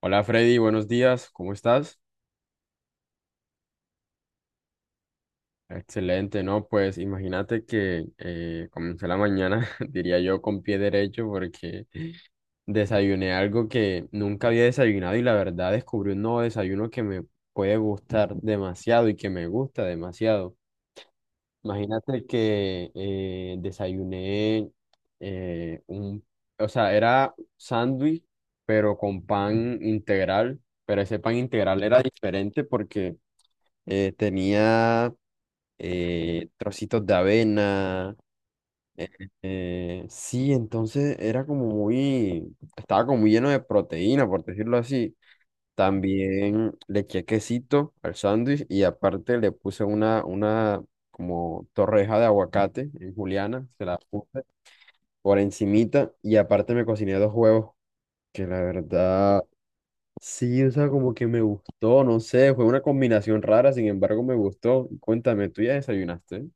Hola, Freddy, buenos días, ¿cómo estás? Excelente, ¿no? Pues imagínate que comencé la mañana, diría yo, con pie derecho porque desayuné algo que nunca había desayunado y la verdad descubrí un nuevo desayuno que me puede gustar demasiado y que me gusta demasiado. Imagínate que desayuné eh, un, o sea, era sándwich, pero con pan integral, pero ese pan integral era diferente porque tenía trocitos de avena. eh, sí, entonces era como muy, estaba como muy lleno de proteína, por decirlo así. También le eché quesito al sándwich y aparte le puse una como torreja de aguacate en juliana, se la puse por encimita y aparte me cociné 2 huevos, que la verdad sí, o sea, como que me gustó, no sé, fue una combinación rara, sin embargo me gustó. Cuéntame, ¿tú ya desayunaste?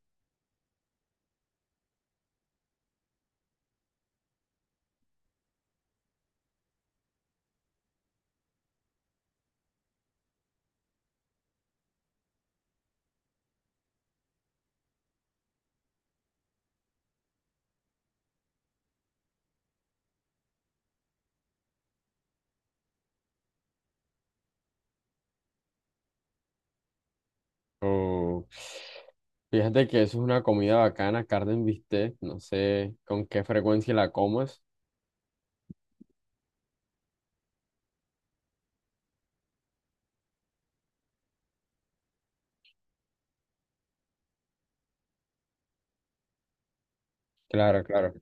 O fíjate que eso es una comida bacana, carne en bistec, no sé con qué frecuencia la comas. Claro, claro,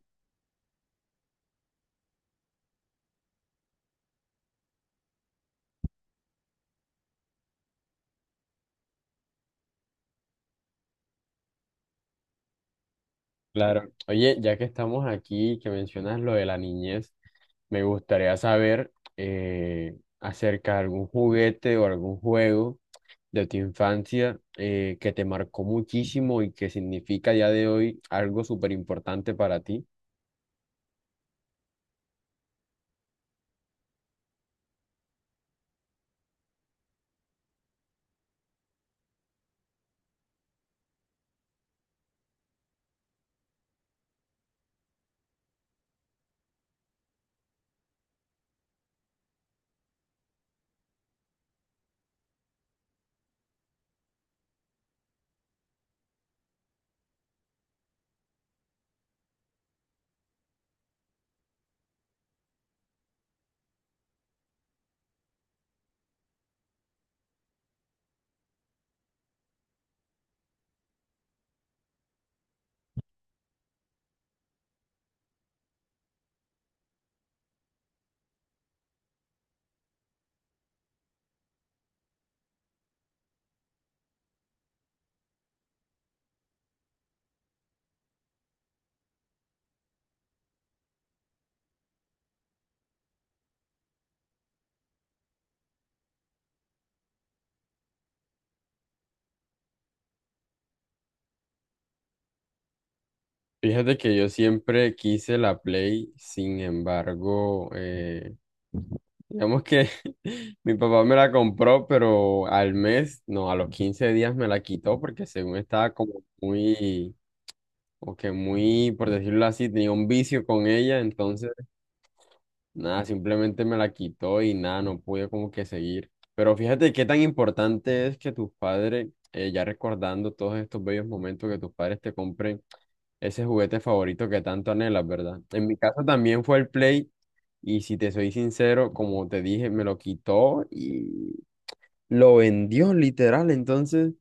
claro. Oye, ya que estamos aquí, que mencionas lo de la niñez. Me gustaría saber acerca de algún juguete o algún juego de tu infancia que te marcó muchísimo y que significa a día de hoy algo súper importante para ti. Fíjate que yo siempre quise la Play, sin embargo, digamos que mi papá me la compró, pero al mes, no, a los 15 días me la quitó porque según estaba como muy, o que muy, por decirlo así, tenía un vicio con ella, entonces nada, simplemente me la quitó y nada, no pude como que seguir. Pero fíjate qué tan importante es que tus padres, ya recordando todos estos bellos momentos, que tus padres te compren ese juguete favorito que tanto anhelas, ¿verdad? En mi caso también fue el Play, y si te soy sincero, como te dije, me lo quitó y lo vendió literal. Entonces,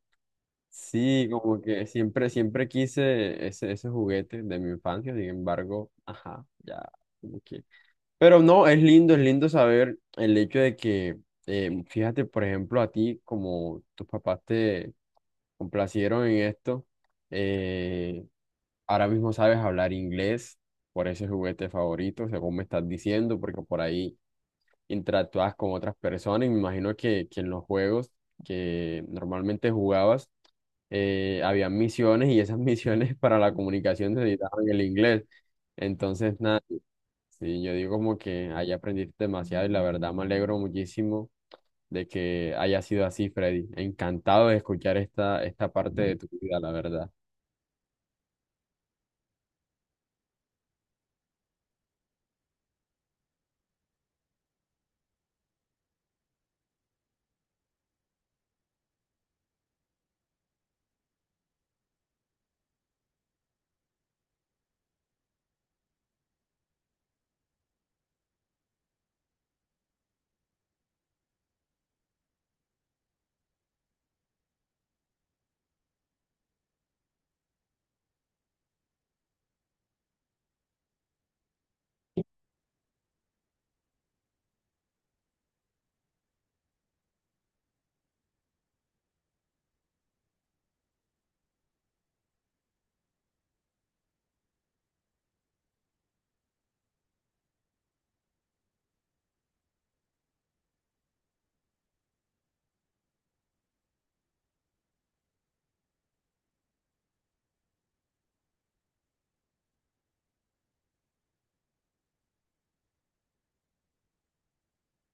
sí, como que siempre, siempre quise ese, ese juguete de mi infancia, sin embargo, ajá, ya. Como que pero no, es lindo saber el hecho de que, fíjate, por ejemplo, a ti, como tus papás te complacieron en esto, eh, ahora mismo sabes hablar inglés, por ese juguete favorito, según me estás diciendo, porque por ahí interactúas con otras personas y me imagino que en los juegos que normalmente jugabas, habían misiones y esas misiones para la comunicación necesitaban el inglés. Entonces, nada. Sí, yo digo como que ahí aprendiste demasiado y la verdad me alegro muchísimo de que haya sido así, Freddy. Encantado de escuchar esta, esta parte de tu vida, la verdad.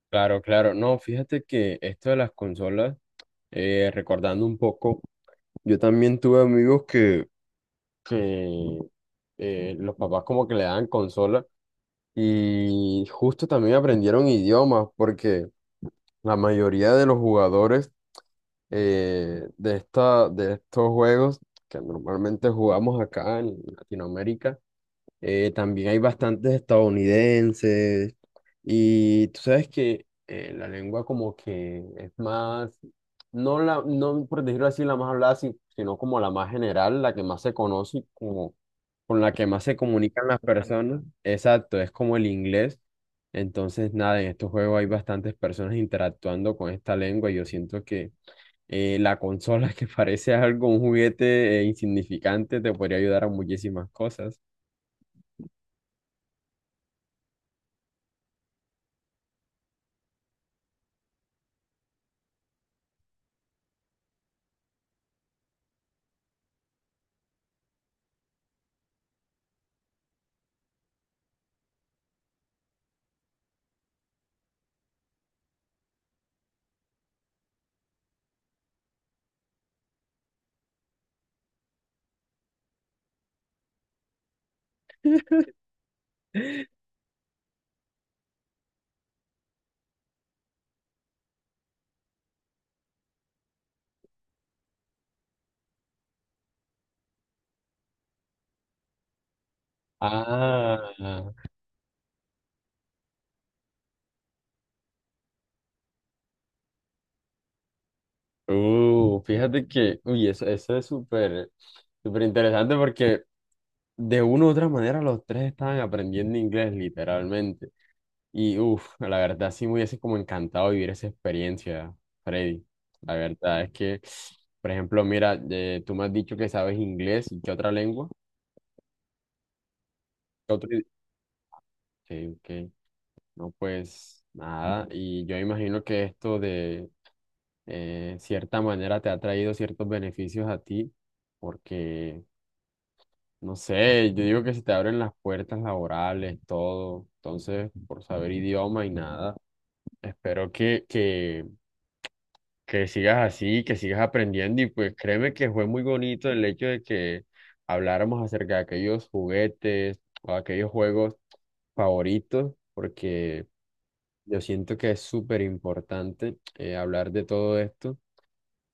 Claro, claro. No, fíjate que esto de las consolas, recordando un poco, yo también tuve amigos que los papás como que le daban consola y justo también aprendieron idiomas porque la mayoría de los jugadores de esta, de estos juegos que normalmente jugamos acá en Latinoamérica. También hay bastantes estadounidenses y tú sabes que la lengua como que es más, no, la, no por decirlo así, la más hablada, si- sino como la más general, la que más se conoce y como con la que más se comunican las personas. Exacto, es como el inglés. Entonces, nada, en estos juegos hay bastantes personas interactuando con esta lengua y yo siento que la consola que parece algo, un juguete insignificante, te podría ayudar a muchísimas cosas. Ah, fíjate que, uy, eso es súper, súper interesante porque de una u otra manera los tres estaban aprendiendo inglés literalmente. Y, uff, la verdad sí me hubiese como encantado vivir esa experiencia, Freddy. La verdad es que, por ejemplo, mira, tú me has dicho que sabes inglés y qué otra lengua, qué otro... idi- Sí, ok. No, pues nada, y yo imagino que esto de cierta manera te ha traído ciertos beneficios a ti, porque, no sé, yo digo que se te abren las puertas laborales, todo, entonces, por saber idioma y nada, espero que sigas así, que sigas aprendiendo y pues créeme que fue muy bonito el hecho de que habláramos acerca de aquellos juguetes o aquellos juegos favoritos, porque yo siento que es súper importante hablar de todo esto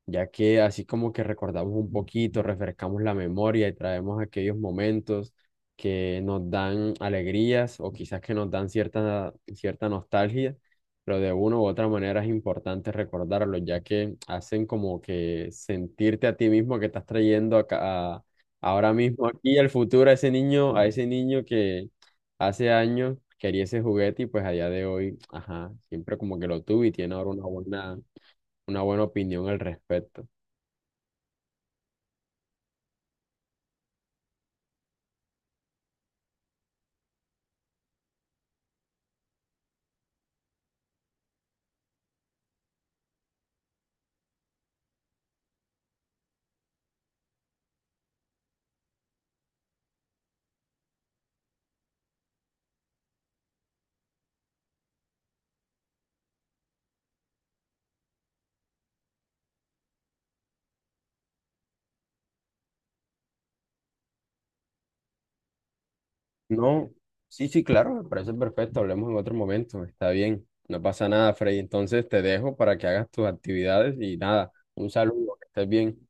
ya que así como que recordamos un poquito, refrescamos la memoria y traemos aquellos momentos que nos dan alegrías o quizás que nos dan cierta, cierta nostalgia, pero de una u otra manera es importante recordarlos, ya que hacen como que sentirte a ti mismo que estás trayendo acá, a- ahora mismo aquí al futuro a ese niño que hace años quería ese juguete y pues allá de hoy, ajá, siempre como que lo tuve y tiene ahora una buena opinión al respecto. No, sí, sí, claro, me parece perfecto. Hablemos en otro momento, está bien. No pasa nada, Frey. Entonces te dejo para que hagas tus actividades y nada, un saludo, que estés bien.